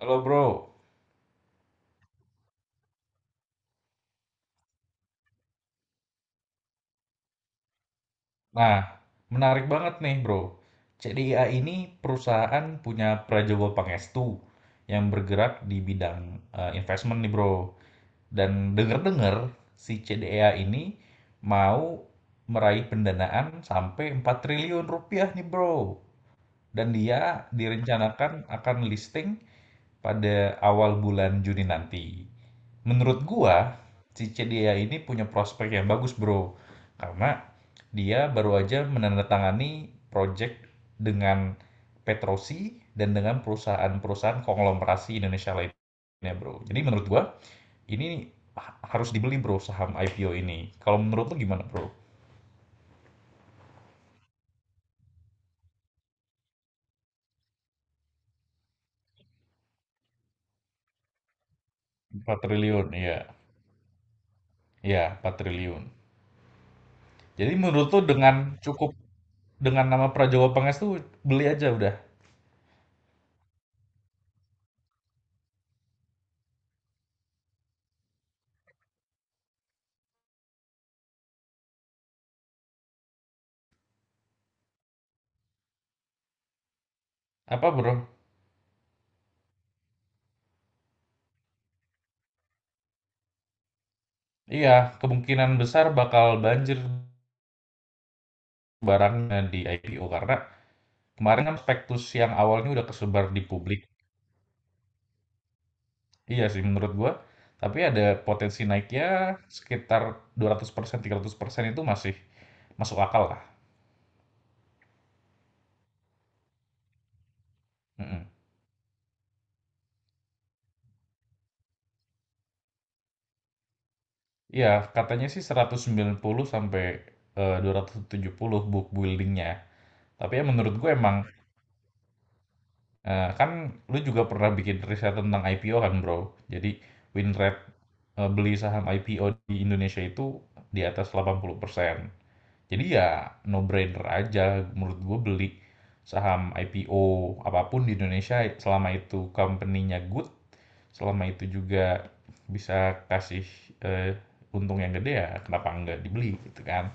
Halo bro, nah menarik banget nih bro. CDIA ini perusahaan punya Prajogo Pangestu yang bergerak di bidang investment nih bro. Dan denger-dengar si CDIA ini mau meraih pendanaan sampai 4 triliun rupiah nih bro. Dan dia direncanakan akan listing pada awal bulan Juni nanti. Menurut gua, si Cedia ini punya prospek yang bagus, Bro. Karena dia baru aja menandatangani project dengan Petrosi dan dengan perusahaan-perusahaan konglomerasi Indonesia lainnya, Bro. Jadi menurut gua, ini harus dibeli, Bro, saham IPO ini. Kalau menurut lu gimana, Bro? 4 triliun, iya. Iya, 4 triliun. Jadi menurut lu dengan cukup dengan nama Prajawa Pangestu beli aja udah. Apa, Bro? Iya, kemungkinan besar bakal banjir barangnya di IPO karena kemarin kan spektus yang awalnya udah kesebar di publik. Iya sih menurut gua, tapi ada potensi naiknya sekitar 200%, 300% itu masih masuk akal lah. Mm-mm. Iya, katanya sih 190 sampai 270 book buildingnya. Tapi ya menurut gue emang kan lu juga pernah bikin riset tentang IPO kan bro. Jadi win rate beli saham IPO di Indonesia itu di atas 80%. Jadi ya no brainer aja menurut gue beli saham IPO apapun di Indonesia selama itu company-nya good, selama itu juga bisa kasih, eee, untung yang gede ya kenapa nggak dibeli gitu kan.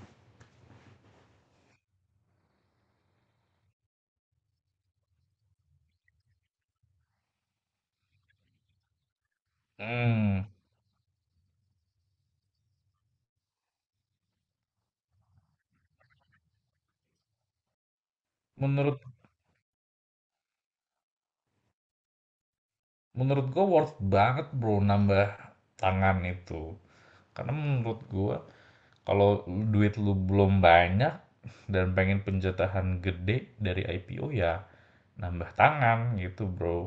Hmm, menurut menurut gue worth banget Bro nambah tangan itu. Karena menurut gue kalau duit lu belum banyak dan pengen penjatahan gede dari IPO ya nambah tangan gitu, Bro.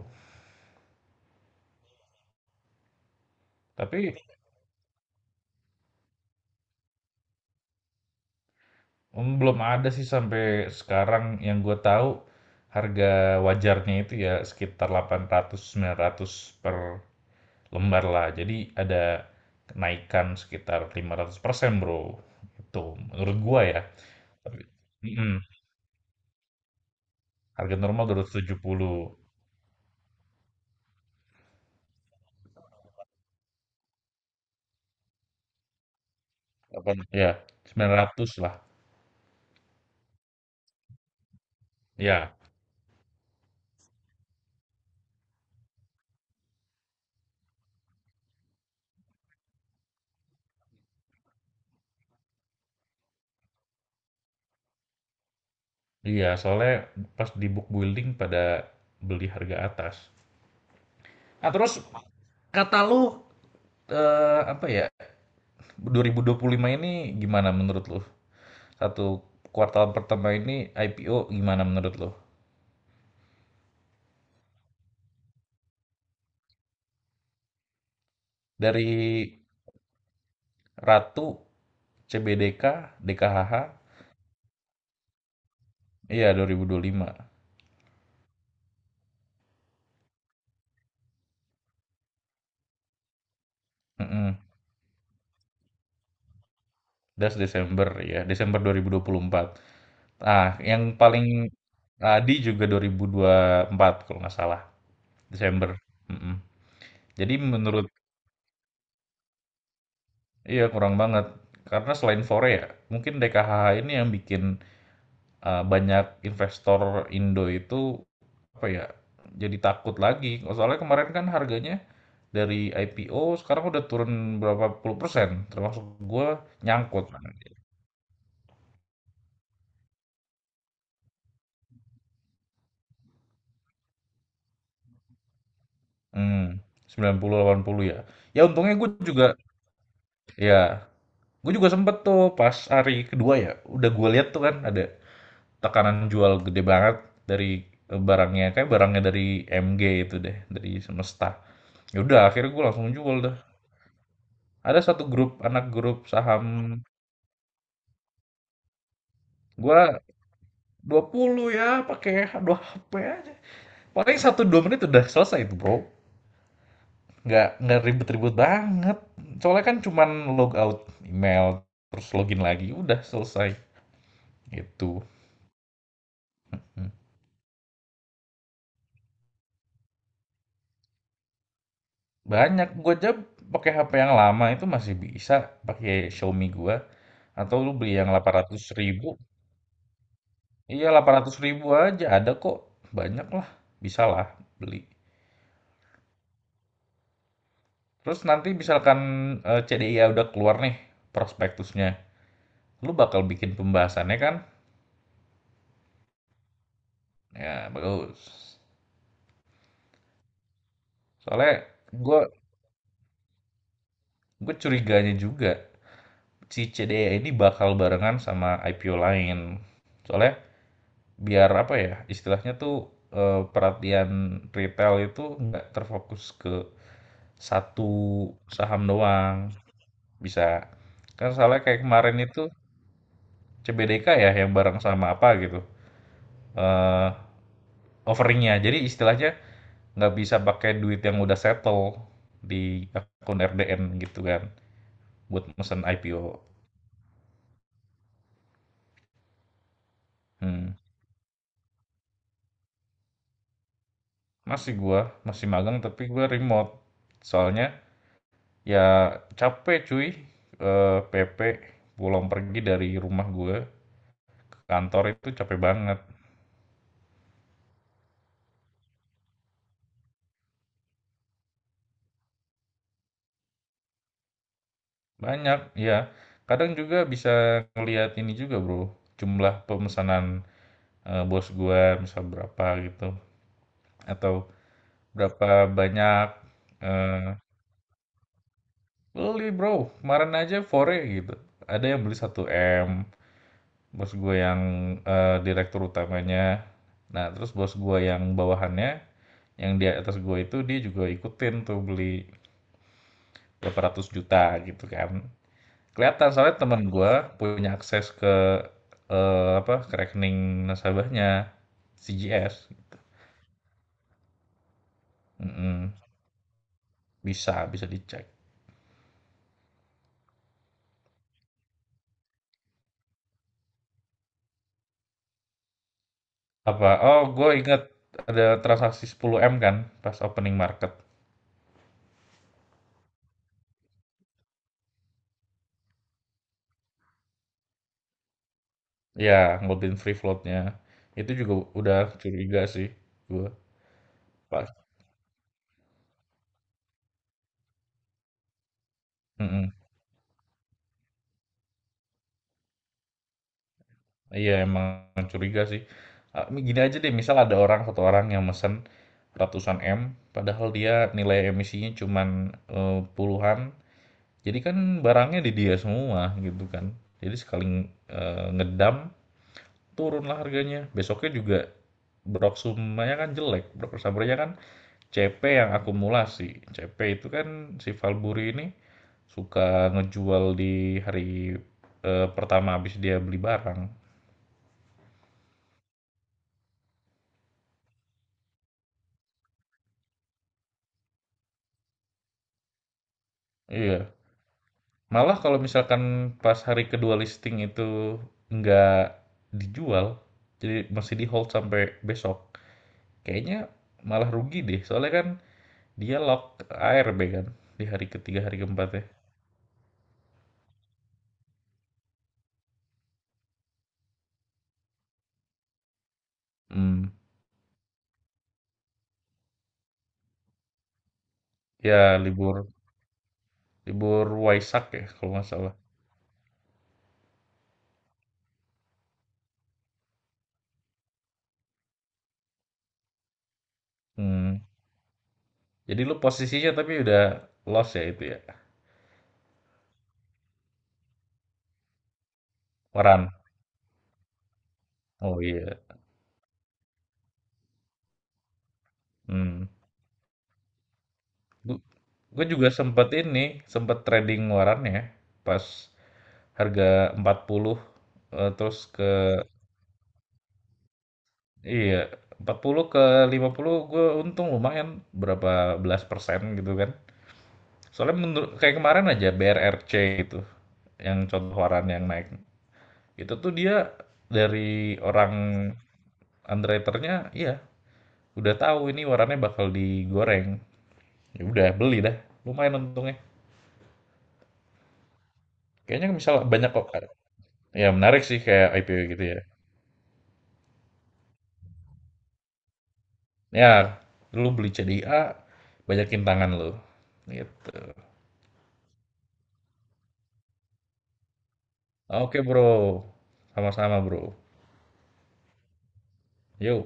Tapi belum ada sih sampai sekarang yang gue tahu harga wajarnya itu ya sekitar 800 900 per lembar lah. Jadi ada kenaikan sekitar 500% Bro. Itu menurut gua ya. Tapi, mm-mm. Harga normal 270. Ya, 900 lah. Ya. Iya, soalnya pas di book building pada beli harga atas. Nah, terus kata lu apa ya? 2025 ini gimana menurut lu? Satu kuartal pertama ini IPO gimana menurut lu? Dari Ratu, CBDK, DKHH, iya 2025. Mm-mm. Das Desember ya, Desember 2024. Ah yang paling Adi juga 2024 kalau nggak salah, Desember. Mm-mm. Jadi menurut Iya, kurang banget. Karena selain Fore ya, mungkin DKHH ini yang bikin banyak investor Indo itu apa ya? Jadi takut lagi. Soalnya kemarin kan harganya dari IPO sekarang udah turun berapa puluh persen, termasuk gua nyangkut kan. Hmm, sembilan puluh delapan puluh ya. Ya untungnya gue juga, ya, gue juga sempet tuh pas hari kedua ya, udah gue lihat tuh kan ada tekanan jual gede banget dari barangnya kayak barangnya dari MG itu deh dari semesta. Yaudah, akhirnya gue langsung jual dah. Ada satu grup anak grup saham gue 20 ya pakai 2 HP aja paling 1 sampai 2 menit udah selesai itu bro. Nggak ribet-ribet banget soalnya kan cuman log out email terus login lagi udah selesai gitu. Banyak, gue aja pakai HP yang lama itu masih bisa pakai Xiaomi gua atau lu beli yang 800.000 ribu. Iya 800.000 ribu aja ada kok. Banyak lah, bisa lah beli. Terus nanti misalkan CDIA udah keluar nih prospektusnya. Lu bakal bikin pembahasannya kan? Ya bagus. Soalnya gue gue curiganya juga si CDIA ini bakal barengan sama IPO lain. Soalnya biar apa ya, istilahnya tuh, perhatian retail itu nggak terfokus ke satu saham doang, bisa kan soalnya kayak kemarin itu CBDK ya yang bareng sama apa gitu, eee, offering. Jadi istilahnya nggak bisa pakai duit yang udah settle di akun RDN gitu kan, buat mesen IPO. Mhm, masih gua, masih magang tapi gua remote. Soalnya Ya capek cuy. PP pulang pergi dari rumah gue ke kantor itu capek banget. Banyak, ya. Kadang juga bisa ngelihat ini juga bro, jumlah pemesanan bos gue misal berapa gitu. Atau berapa banyak eh, beli bro, kemarin aja fore gitu. Ada yang beli 1 M bos gue yang direktur utamanya. Nah terus bos gue yang bawahannya yang di atas gue itu dia juga ikutin tuh beli berapa ratus juta gitu kan. Kelihatan soalnya temen gue punya akses ke apa ke rekening nasabahnya CGS. Mm-mm. Bisa bisa dicek. Apa? Oh, gue inget ada transaksi 10M kan pas opening market. Ya, ngobrolin free floatnya. Itu juga udah curiga sih gue. Pas. Iya emang curiga sih. Ah, gini aja deh, misal ada orang satu orang yang mesen ratusan M, padahal dia nilai emisinya cuman puluhan. Jadi kan barangnya di dia semua gitu kan. Jadi sekali ngedam turunlah harganya. Besoknya juga Broksumanya kan jelek, Broksumbernya kan CP yang akumulasi. CP itu kan si Valburi ini suka ngejual di hari pertama habis dia beli barang. Iya, malah kalau misalkan pas hari kedua listing itu nggak dijual, jadi masih di hold sampai besok, kayaknya malah rugi deh. Soalnya kan dia lock ARB kan di hari ketiga, hari keempatnya. Hmm. Ya libur libur Waisak ya kalau nggak salah. Hmm. Jadi lu posisinya tapi udah loss ya itu ya. Waran. Oh iya. Hmm. Gue juga sempet trading waran ya pas harga 40 eh, terus Iya, 40 ke 50 gue untung lumayan berapa belas persen gitu kan. Soalnya menurut kayak kemarin aja BRRC gitu, yang contoh waran yang naik. Itu tuh dia dari orang underwriternya, iya udah tahu ini warannya bakal digoreng. Ya udah beli dah, lumayan untungnya. Kayaknya misal banyak kok. Ya menarik sih kayak IPO gitu ya. Ya, lu beli CDA, banyakin tangan lu. Gitu. Oke bro, sama-sama bro. Yuk.